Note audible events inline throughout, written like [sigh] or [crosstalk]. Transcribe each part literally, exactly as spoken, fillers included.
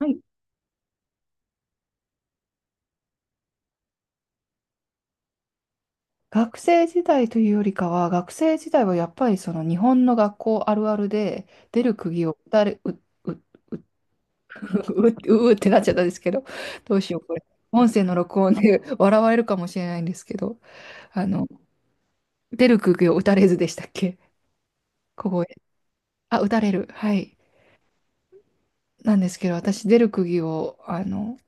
はい、学生時代というよりかは、学生時代はやっぱりその日本の学校あるあるで、出る釘を打たれ、う、う、[laughs] う、う、ううってなっちゃったんですけど、どうしよう、これ。音声の録音で [laughs] 笑われるかもしれないんですけど、あの、出る釘を打たれずでしたっけ小声。あ、打たれる。はい。なんですけど、私、出る釘を、あの、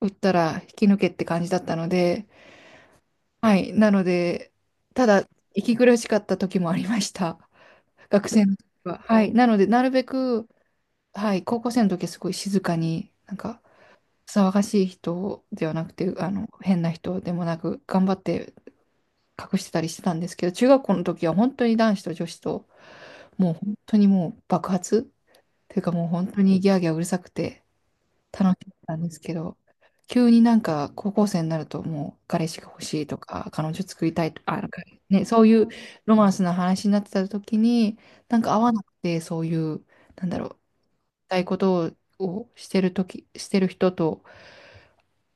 打ったら引き抜けって感じだったので、はい。なので、ただ、息苦しかった時もありました。学生の時は。はい。なので、なるべく、はい、高校生の時はすごい静かに、なんか、騒がしい人ではなくて、あの、変な人でもなく、頑張って隠してたりしてたんですけど、中学校の時は本当に男子と女子と、もう本当にもう爆発っていうか、もう本当にギャーギャーうるさくて、楽しみなんですけど、急になんか高校生になるともう彼氏が欲しいとか、彼女作りたいとか、あ、なんかね、そういうロマンスの話になってた時に、なんか合わなくて、そういう、なんだろう、したいことをしてる時、してる人と、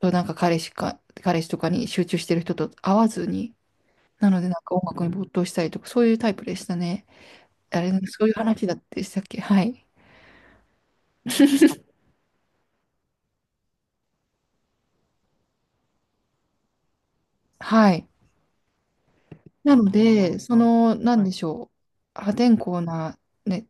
となんか彼氏か、彼氏とかに集中してる人と合わずに、なのでなんか音楽に没頭したりとか、そういうタイプでしたね。あれ、そういう話だってしたっけ。はい。[laughs] はい。なので、その、なんでしょう、破天荒な、ね、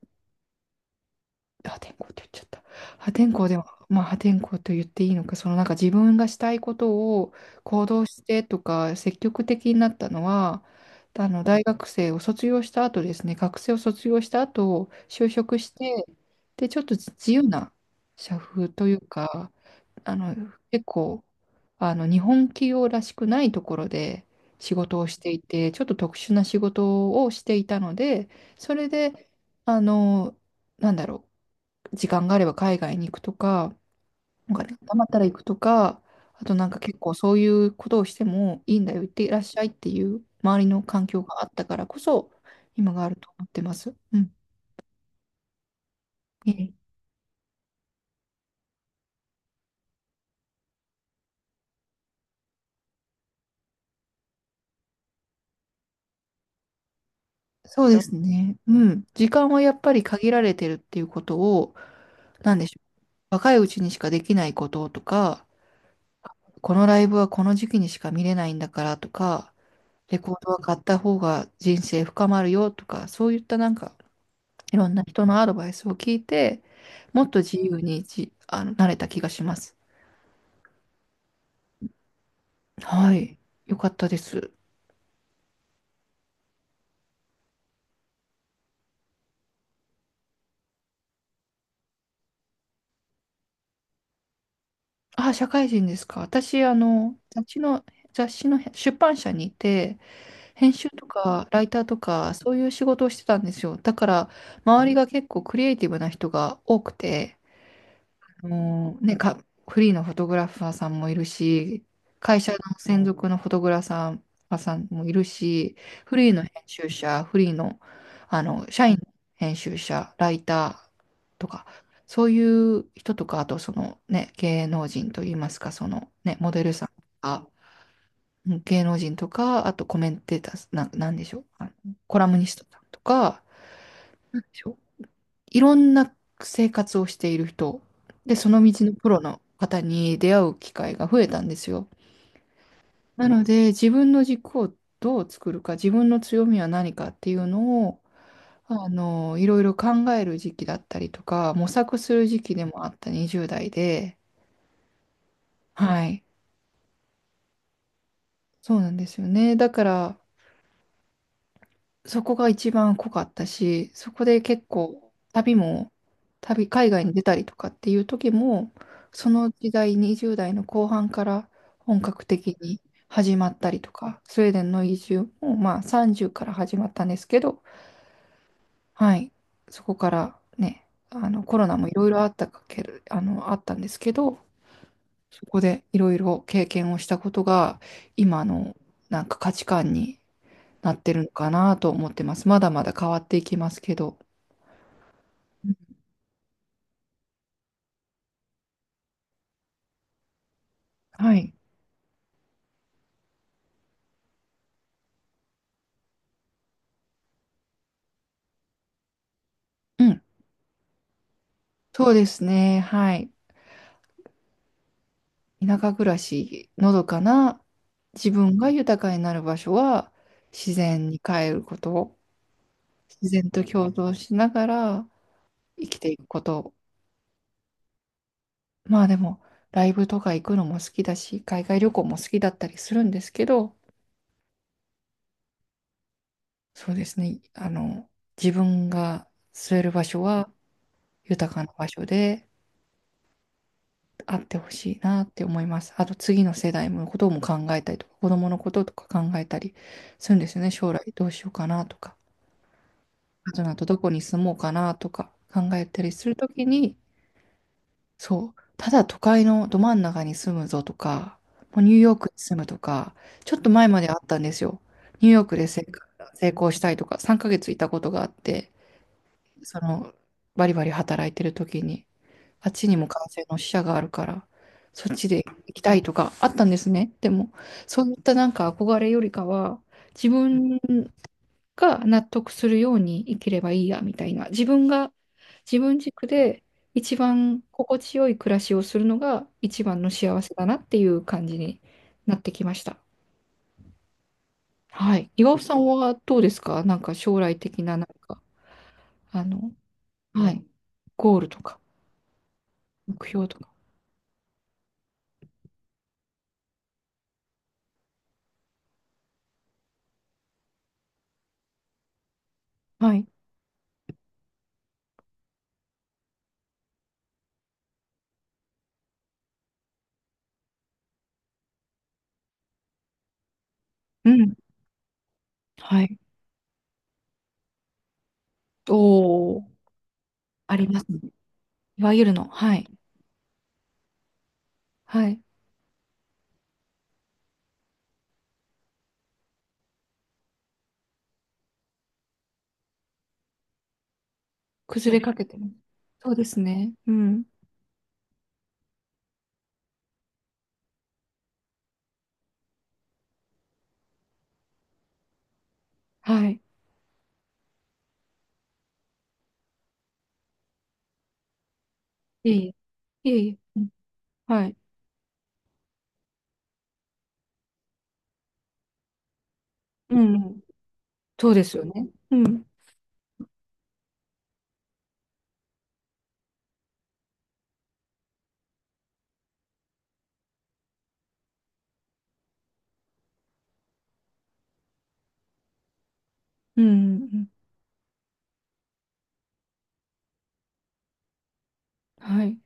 破天荒って言っちゃった。破天荒でも、まあ破天荒と言っていいのか、そのなんか自分がしたいことを行動してとか、積極的になったのは、あの大学生を卒業した後ですね、学生を卒業した後、就職して、で、ちょっと自由な社風というか、あの、結構、あの、日本企業らしくないところで仕事をしていて、ちょっと特殊な仕事をしていたので、それで、あの、なんだろう。時間があれば海外に行くとか、お金が貯まったら行くとか、あとなんか結構そういうことをしてもいいんだよ、行ってらっしゃいっていう周りの環境があったからこそ、今があると思ってます。うん。ええ、そうですね。うん。時間はやっぱり限られてるっていうことを、なんでしょう。若いうちにしかできないこととか、このライブはこの時期にしか見れないんだからとか、レコードは買った方が人生深まるよとか、そういったなんかいろんな人のアドバイスを聞いて、もっと自由にじ、あの、なれた気がします。はい。よかったです。あ、社会人ですか。私、あの、雑誌の、雑誌の出版社にいて、編集とかライターとか、そういう仕事をしてたんですよ。だから、周りが結構クリエイティブな人が多くて、もうね、か、フリーのフォトグラファーさんもいるし、会社の専属のフォトグラファーさんもいるし、フリーの編集者、フリーの、あの社員の編集者、ライターとか、そういう人とか、あとそのね、芸能人といいますか、そのね、モデルさんとか、うん芸能人とか、あとコメンテーター、な、なんでしょう、あのコラムニストさんとか、なんでしょう、いろんな生活をしている人、で、その道のプロの方に出会う機会が増えたんですよ。なので、自分の軸をどう作るか、自分の強みは何かっていうのを、あの、いろいろ考える時期だったりとか、模索する時期でもあったにじゅう代で、はい、そうなんですよね。だから、そこが一番濃かったし、そこで結構旅も、旅、海外に出たりとかっていう時も、その時代、にじゅう代の後半から本格的に始まったりとか、スウェーデンの移住も、まあさんじゅうから始まったんですけど、はい、そこからね、あのコロナもいろいろあったかけるあの、あったんですけど、そこでいろいろ経験をしたことが、今のなんか価値観になってるのかなと思ってます。まだまだ変わっていきますけど。はい。うん。そうですね。はい。田舎暮らし、のどかな自分が豊かになる場所は自然に帰ること、自然と共存しながら生きていくこと。まあでも、ライブとか行くのも好きだし、海外旅行も好きだったりするんですけど、そうですね。あの、自分が据える場所は豊かな場所で、あってほしいなって思います。あと次の世代のことも考えたりとか、子供のこととか考えたりするんですよね。将来どうしようかなとか、あとなとどこに住もうかなとか考えたりするときに、そう、ただ都会のど真ん中に住むぞとか、もうニューヨークに住むとか、ちょっと前まであったんですよ。ニューヨークで成成功したいとか、さんかげついたことがあって、その、バリバリ働いてる時に、あっちにも感染の死者があるから、そっちで行きたいとかあったんですね。でも、そういったなんか憧れよりかは、自分が納得するように生きればいいや、みたいな。自分が、自分軸で一番心地よい暮らしをするのが一番の幸せだなっていう感じになってきました。はい。岩尾さんはどうですか、なんか将来的な、なんか、あの、はい、ゴールとか、目標とか。はい。うん。はい。おー。ありますね。いわゆるの。はい。はい。崩れかけてます。そうですね。うん。はい。いえいえ。いえいえ。うん。はい。うん。そうですよね。うん。うん。うん。はい。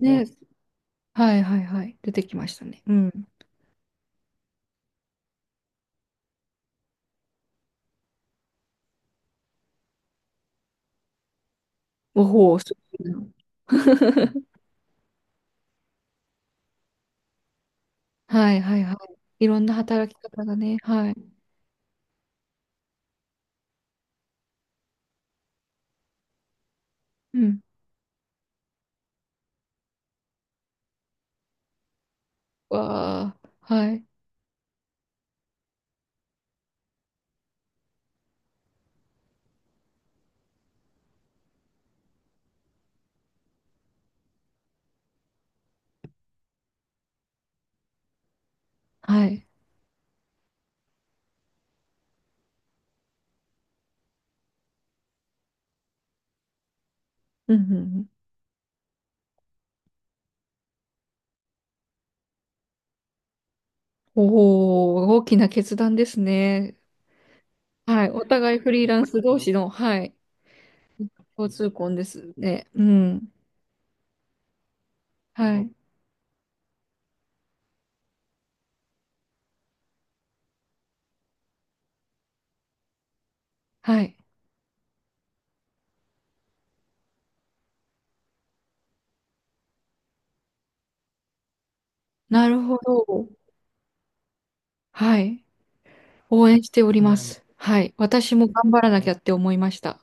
ね。ね。はいはいはい。出てきましたね。うん。おほう、そういうの。 [laughs] はいはいはい。いろんな働き方がね。はい。うん。わあ。はい。はい。うんうんうん。おお、大きな決断ですね。はい。お互いフリーランス同士の、はい。交通婚ですね。うん。はい。はい。なるほど。はい。応援しております。はい。私も頑張らなきゃって思いました。